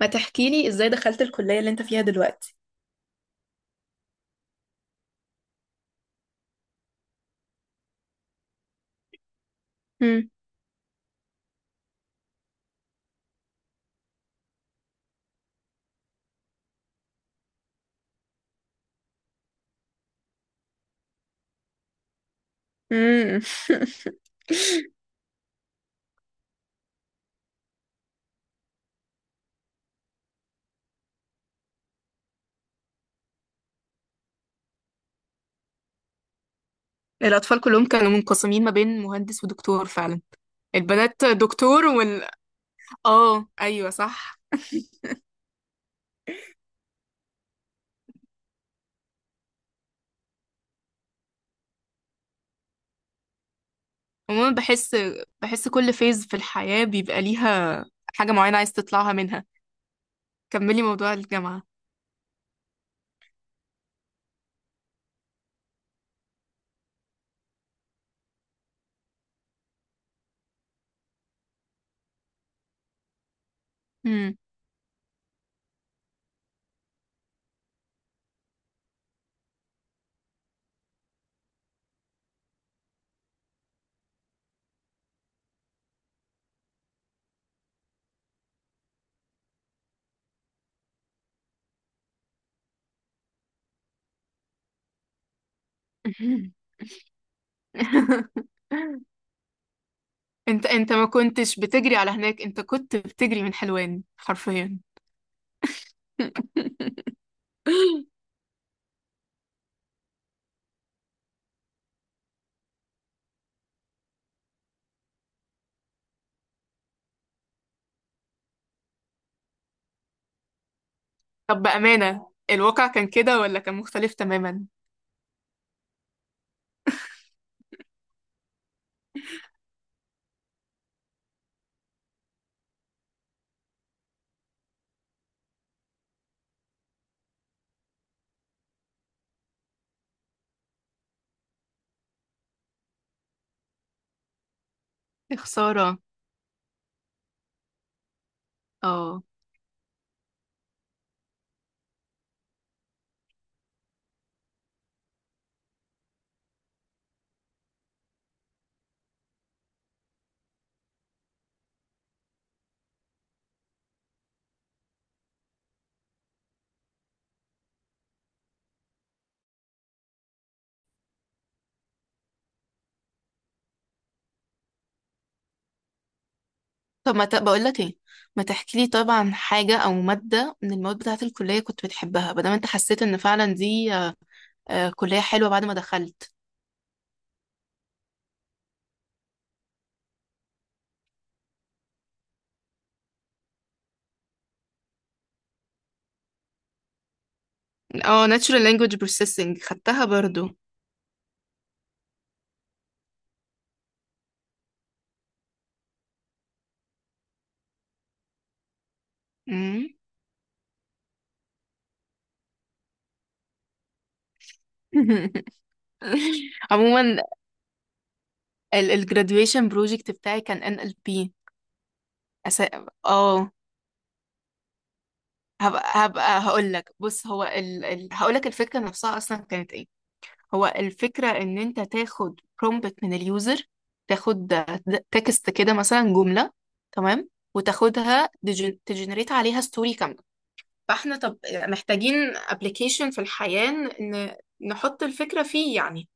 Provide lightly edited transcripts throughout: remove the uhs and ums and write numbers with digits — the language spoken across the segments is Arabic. ما تحكي لي ازاي دخلت الكلية اللي انت فيها دلوقتي. مم. مم. الأطفال كلهم كانوا منقسمين ما بين مهندس ودكتور فعلا. البنات دكتور وال، اه أيوة صح. عموما بحس، بحس كل فيز في الحياة بيبقى ليها حاجة معينة عايز تطلعها منها. كملي موضوع الجامعة. مم. انت انت ما كنتش بتجري على هناك، انت كنت بتجري من حلوان حرفيا. طب بأمانة، الواقع كان كده ولا كان مختلف تماما؟ يا خسارة. اه. طب ما ت... بقول لك ايه، ما تحكي لي طبعا عن حاجة او مادة من المواد بتاعة الكلية كنت بتحبها، بدل ما انت حسيت ان فعلا دي كلية حلوة بعد ما دخلت. اه Natural Language Processing خدتها برضو. مم. عموما ال graduation project بتاعي كان NLP. أس... اه. هبقى هقول لك. بص هو هقول لك الفكرة نفسها اصلا كانت ايه. هو الفكرة ان انت تاخد برومبت من اليوزر، تاخد تكست كده مثلا جملة، تمام، وتاخدها تجنريت عليها ستوري كاملة. فاحنا طب محتاجين ابلكيشن في الحياة نحط الفكرة فيه يعني.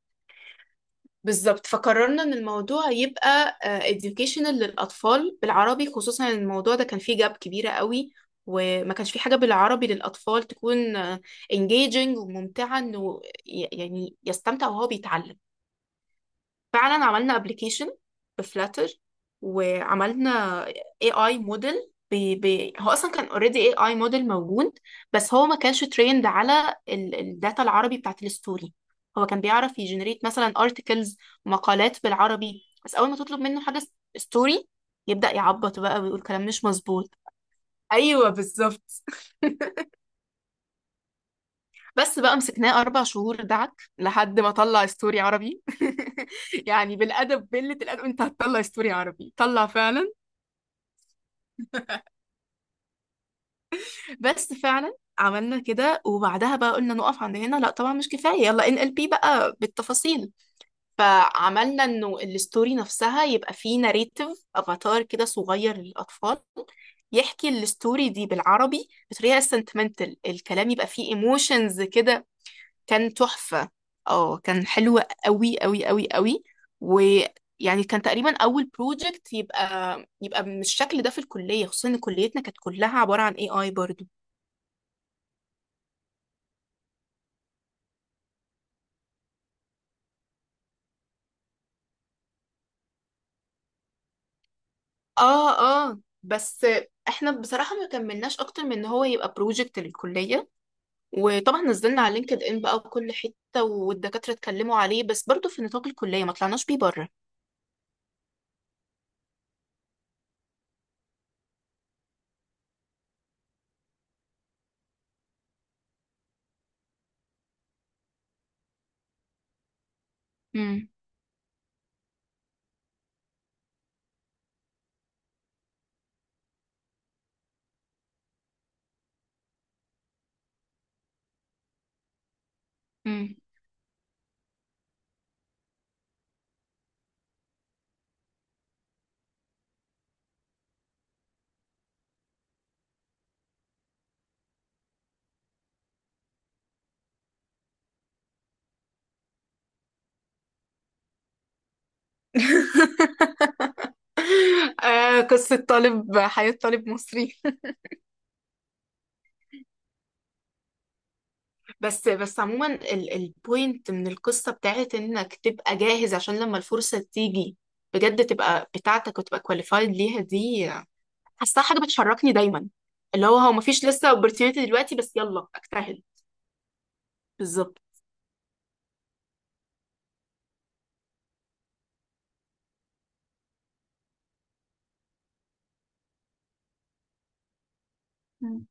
بالظبط. فقررنا ان الموضوع يبقى educational للاطفال بالعربي، خصوصا ان الموضوع ده كان فيه جاب كبيرة قوي. وما كانش في حاجة بالعربي للأطفال تكون engaging وممتعة، إنه يعني يستمتع وهو بيتعلم. فعلا عملنا ابلكيشن بفلاتر، وعملنا اي اي موديل. بي بي هو اصلا كان اوريدي اي اي موديل موجود، بس هو ما كانش تريند على الداتا العربي بتاعت الستوري. هو كان بيعرف يجنريت مثلا ارتكلز، مقالات بالعربي، بس اول ما تطلب منه حاجه ستوري يبدأ يعبط بقى ويقول كلام مش مظبوط. ايوه بالظبط. بس بقى مسكناه أربع شهور دعك لحد ما طلع ستوري عربي. يعني بالأدب قلة الأدب، أنت هتطلع ستوري عربي. طلع فعلا. بس فعلا عملنا كده، وبعدها بقى قلنا نقف عند هنا؟ لا طبعا، مش كفاية، يلا ان ال بي بقى بالتفاصيل. فعملنا انه الستوري نفسها يبقى فيه ناريتيف افاتار كده صغير للأطفال، يحكي الستوري دي بالعربي بطريقة sentimental، الكلام يبقى فيه ايموشنز كده. كان تحفة. اه كان حلو قوي قوي قوي قوي. ويعني كان تقريبا اول بروجكت يبقى يبقى بالشكل ده في الكلية، خصوصا ان كليتنا كانت كلها عبارة عن اي اي برضو. اه. اه بس، احنا بصراحة ما كملناش اكتر من ان هو يبقى بروجكت للكلية. وطبعا نزلنا على لينكد ان بقى وكل حتة، والدكاترة اتكلموا عليه، بس برضو في نطاق الكلية، ما طلعناش بيه بره. امم. امم. آه قصة طالب، حياة طالب مصري. بس بس عموما، البوينت من القصة بتاعت انك تبقى جاهز عشان لما الفرصة تيجي بجد تبقى بتاعتك وتبقى كواليفايد ليها، دي حاساها حاجة بتشركني دايما. اللي هو مفيش لسه opportunity دلوقتي، بس يلا اجتهد. بالظبط. مم.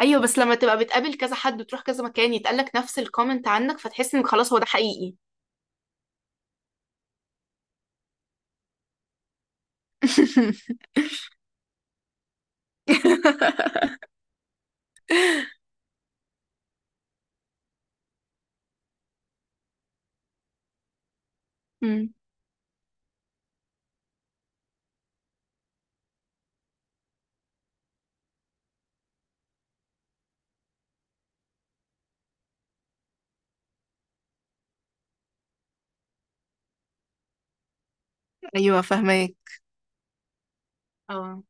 ايوه، بس لما تبقى بتقابل كذا حد وتروح كذا مكان يتقالك نفس الكومنت عنك، فتحس انك خلاص هو ده حقيقي. مم. ايوه فاهمك. اه.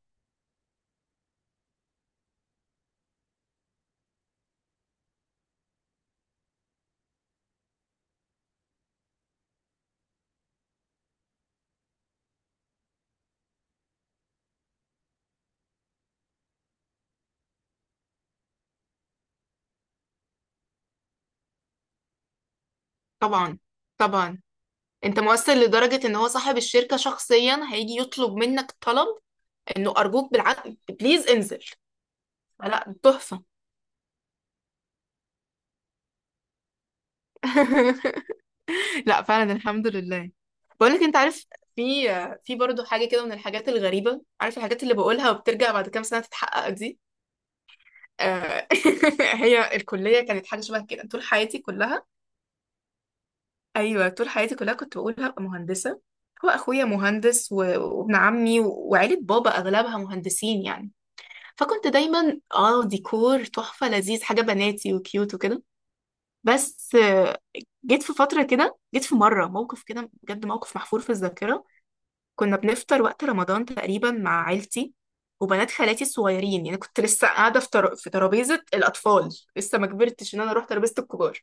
طبعا. طبعا. انت مؤثر لدرجة ان هو صاحب الشركة شخصيا هيجي يطلب منك طلب، انه ارجوك بالعقل بليز انزل. لا تحفه. لا فعلا الحمد لله. بقول لك انت عارف، في في برضه حاجه كده من الحاجات الغريبه، عارف الحاجات اللي بقولها وبترجع بعد كام سنه تتحقق دي؟ آه، هي الكليه كانت حاجه شبه كده طول حياتي كلها. ايوه طول حياتي كلها كنت بقول هبقى مهندسه. هو اخويا مهندس وابن عمي وعيله بابا اغلبها مهندسين يعني. فكنت دايما اه ديكور تحفه لذيذ حاجه بناتي وكيوت وكده. بس، جيت في فترة كده، جيت في مرة موقف كده بجد، موقف محفور في الذاكرة. كنا بنفطر وقت رمضان تقريبا مع عيلتي وبنات خالاتي الصغيرين، يعني كنت لسه قاعدة في في ترابيزة الأطفال، لسه ما كبرتش إن أنا أروح ترابيزة الكبار.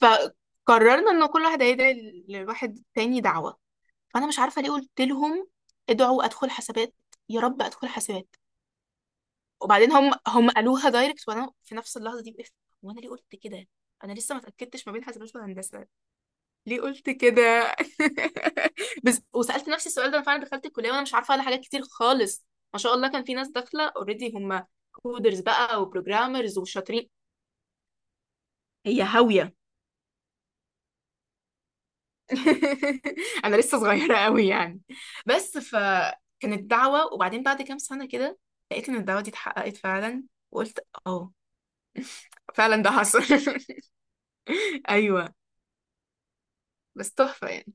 فقررنا إن كل واحد هيدعي لواحد تاني دعوة. فأنا مش عارفة ليه قلت لهم ادعوا أدخل حسابات، يا رب أدخل حسابات. وبعدين هم قالوها دايركت، وأنا في نفس اللحظة دي وقفت، وأنا ليه قلت كده؟ انا لسه ما اتاكدتش ما بين حسابات وهندسه، ليه قلت كده؟ بس وسألت نفسي السؤال ده، انا فعلا دخلت الكلية وانا مش عارفة على حاجات كتير خالص. ما شاء الله كان في ناس داخلة اوريدي هم كودرز بقى وبروجرامرز وشاطرين، هي هاوية. انا لسه صغيرة قوي يعني. بس، فكانت دعوة، وبعدين بعد كام سنة كده لقيت ان الدعوة دي اتحققت فعلا. وقلت اه فعلا ده حصل. ايوه. بس تحفة يعني.